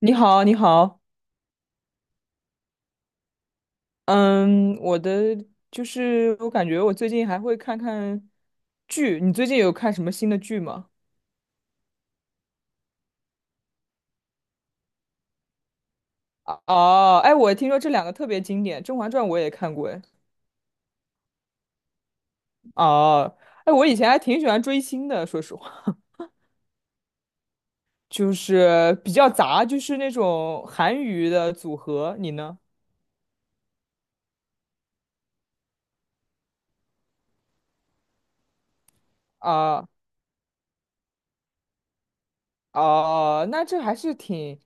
你好，你好，嗯，我的就是我感觉我最近还会剧，你最近有看什么新的剧吗？我听说这两个特别经典，《甄嬛传》我也看过，哎，哦，哎，我以前还挺喜欢追星的，说实话，就是比较杂，就是那种韩娱的组合，你呢？啊哦，那这还是挺，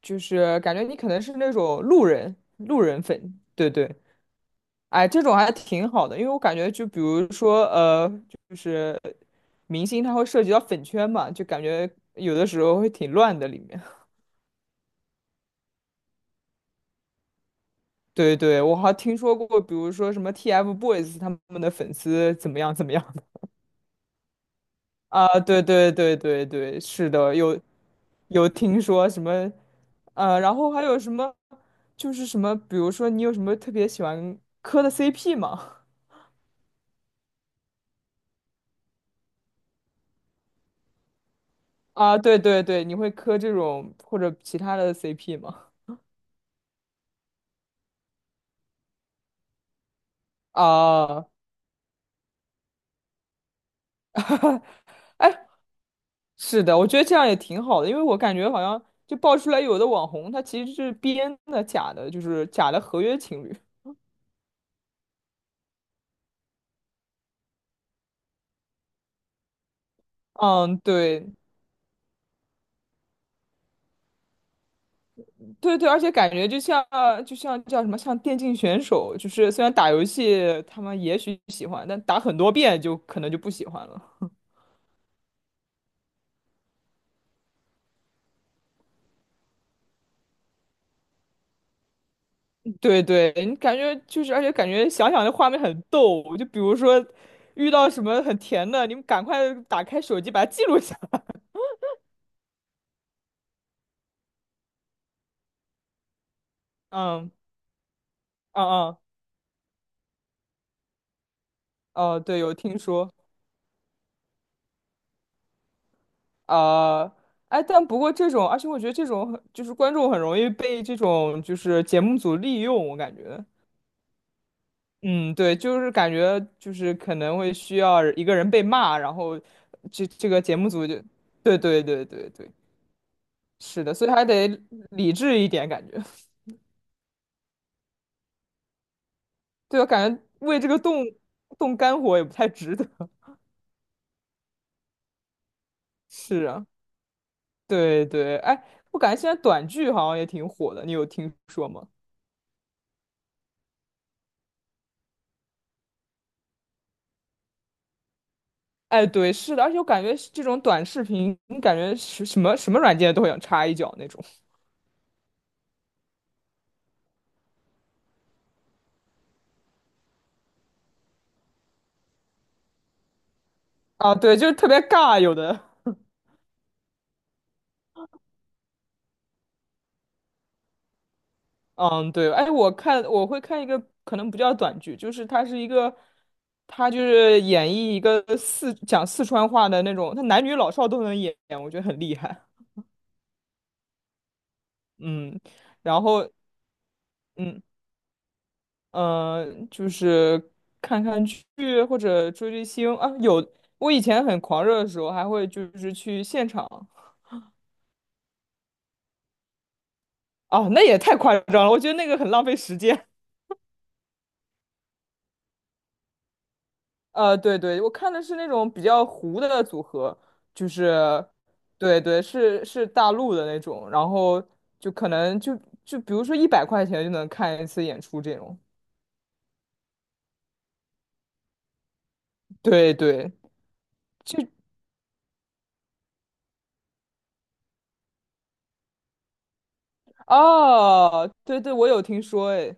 就是感觉你可能是那种路人粉，对对。哎，这种还挺好的，因为我感觉就比如说，就是明星他会涉及到粉圈嘛，就感觉有的时候会挺乱的里面。对对，我还听说过，比如说什么 TFBOYS 他们的粉丝怎么样怎么样的。 啊？对对对对对，是的，有听说什么，然后还有什么，就是什么，比如说你有什么特别喜欢磕的 CP 吗？啊，对对对，你会磕这种或者其他的 CP 吗？啊。是的，我觉得这样也挺好的，因为我感觉好像就爆出来有的网红他其实是编的、假的，就是假的合约情侣。嗯，对，对对，而且感觉就像就像叫什么，像电竞选手，就是虽然打游戏他们也许喜欢，但打很多遍就可能就不喜欢了。对对，你感觉就是，而且感觉想想这画面很逗，就比如说遇到什么很甜的，你们赶快打开手机把它记录下。嗯，嗯，嗯，哦，对，有听说。啊，哎，但不过这种，而且我觉得这种很就是观众很容易被这种就是节目组利用，我感觉，嗯，对，就是感觉就是可能会需要一个人被骂，然后这个节目组就，对对对对对，是的，所以还得理智一点，感觉，对，我感觉为这个动肝火也不太值得，是啊，对对，哎，我感觉现在短剧好像也挺火的，你有听说吗？哎，对，是的，而且我感觉是这种短视频，感觉是什么什么软件都想插一脚那种。啊，对，就是特别尬，有的，嗯，对，哎，我看我会看一个可能不叫短剧，就是它是一个，它就是演绎一个讲四川话的那种，它男女老少都能演，我觉得很厉害，嗯，然后，嗯呃，就是剧或者追星啊，有，我以前很狂热的时候还会就是去现场。哦，那也太夸张了，我觉得那个很浪费时间。呃，对对，我看的是那种比较糊的组合，就是，对对，是大陆的那种，然后就可能就比如说100块钱就能看一次演出这种。对对，就哦，对对，我有听说哎，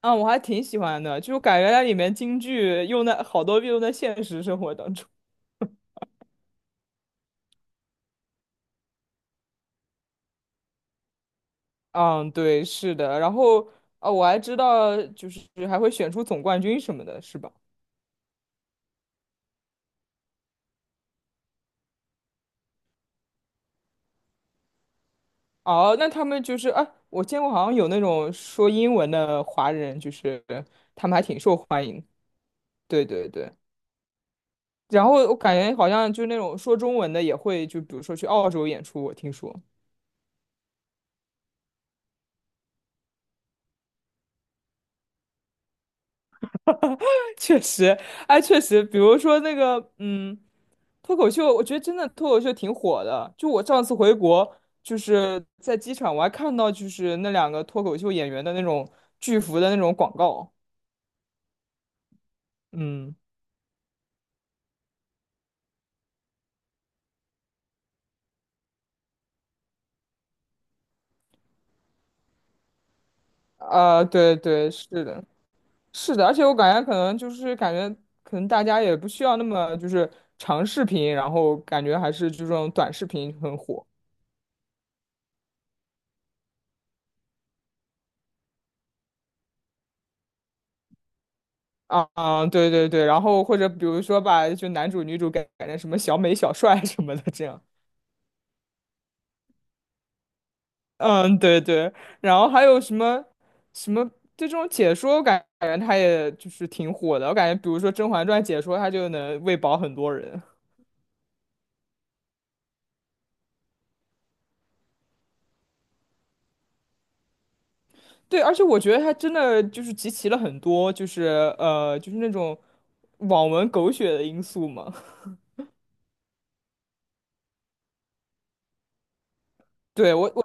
啊，我还挺喜欢的，就感觉它里面京剧用的好多用在现实生活当中。嗯，对，是的，然后。哦，我还知道，就是还会选出总冠军什么的，是吧？哦，那他们就是啊，我见过好像有那种说英文的华人，就是他们还挺受欢迎。对对对，然后我感觉好像就是那种说中文的也会，就比如说去澳洲演出，我听说，确实，哎，确实，比如说那个，嗯，脱口秀，我觉得真的脱口秀挺火的。就我上次回国，就是在机场，我还看到就是那两个脱口秀演员的那种巨幅的那种广告。嗯，啊，对对，是的。是的，而且我感觉可能就是感觉可能大家也不需要那么就是长视频，然后感觉还是就这种短视频很火。对对对，然后或者比如说把就男主女主改成什么小美小帅啊什么的这样，嗯对对，然后还有什么什么这种解说，我感觉它也就是挺火的，我感觉比如说《甄嬛传》解说，它就能喂饱很多人。对，而且我觉得他真的就是集齐了很多，就是就是那种网文狗血的因素嘛。对，我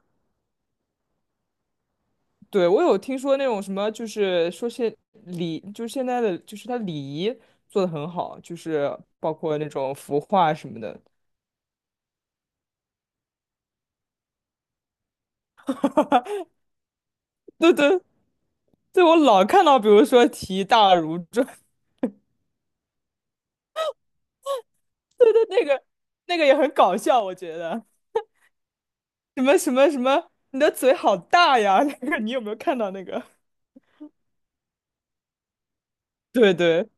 有听说那种什么，就是说就是现在的就是他礼仪做的很好，就是包括那种服化什么的。对对对，我老看到，比如说提大如砖，对对，那个也很搞笑，我觉得什么什么什么，你的嘴好大呀，那个你有没有看到那个？对对。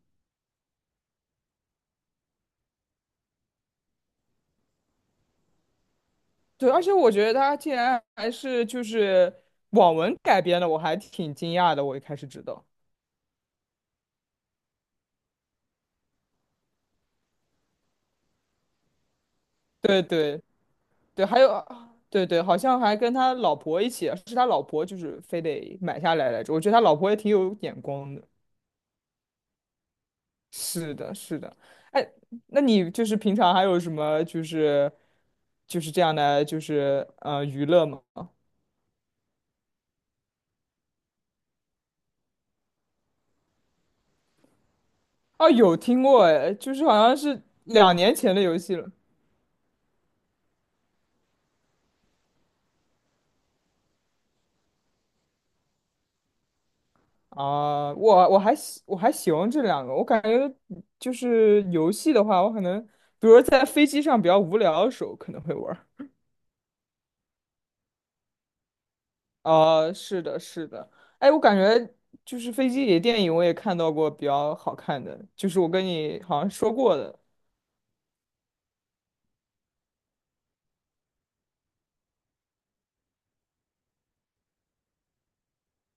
对，而且我觉得他竟然还是就是网文改编的，我还挺惊讶的。我一开始知道，对对对，还有啊对对，好像还跟他老婆一起啊，是他老婆就是非得买下来来着。我觉得他老婆也挺有眼光的。是的，是的。哎，那你就是平常还有什么就是这样的就是娱乐吗？哦，有听过哎，就是好像是2年前的游戏了。啊，我我还喜欢这两个，我感觉就是游戏的话，我可能比如说在飞机上比较无聊的时候可能会玩儿。啊，是的，是的，哎，我感觉就是飞机里的电影我也看到过比较好看的，就是我跟你好像说过的，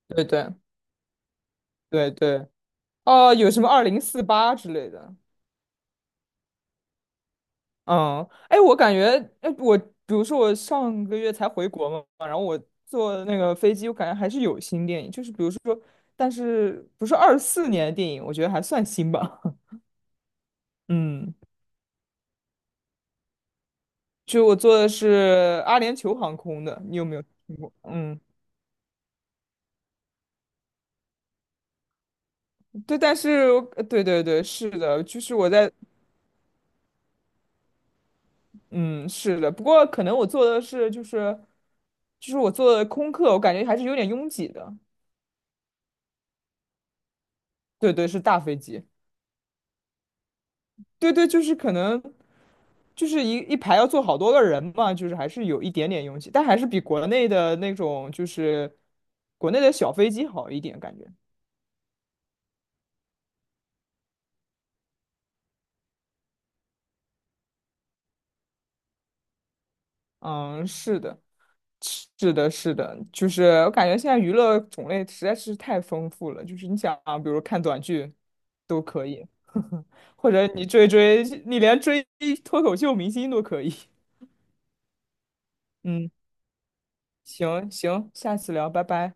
对对对对，哦、有什么2048之类的，嗯，哎，我感觉，哎，我比如说我上个月才回国嘛，然后我坐那个飞机，我感觉还是有新电影，就是比如说，但是不是24年的电影，我觉得还算新吧。嗯，就我坐的是阿联酋航空的，你有没有听过？嗯，对，但是我对对对，是的，就是我在，嗯，是的，不过可能我坐的是就是，就是我坐的空客，我感觉还是有点拥挤的。对对，是大飞机。对对，就是可能就是一排要坐好多个人嘛，就是还是有一点点拥挤，但还是比国内的那种就是国内的小飞机好一点感觉。嗯，是的，是的，是的，就是我感觉现在娱乐种类实在是太丰富了，就是你想啊，比如看短剧都可以，或者你追追，你连追脱口秀明星都可以。嗯，行行，下次聊，拜拜。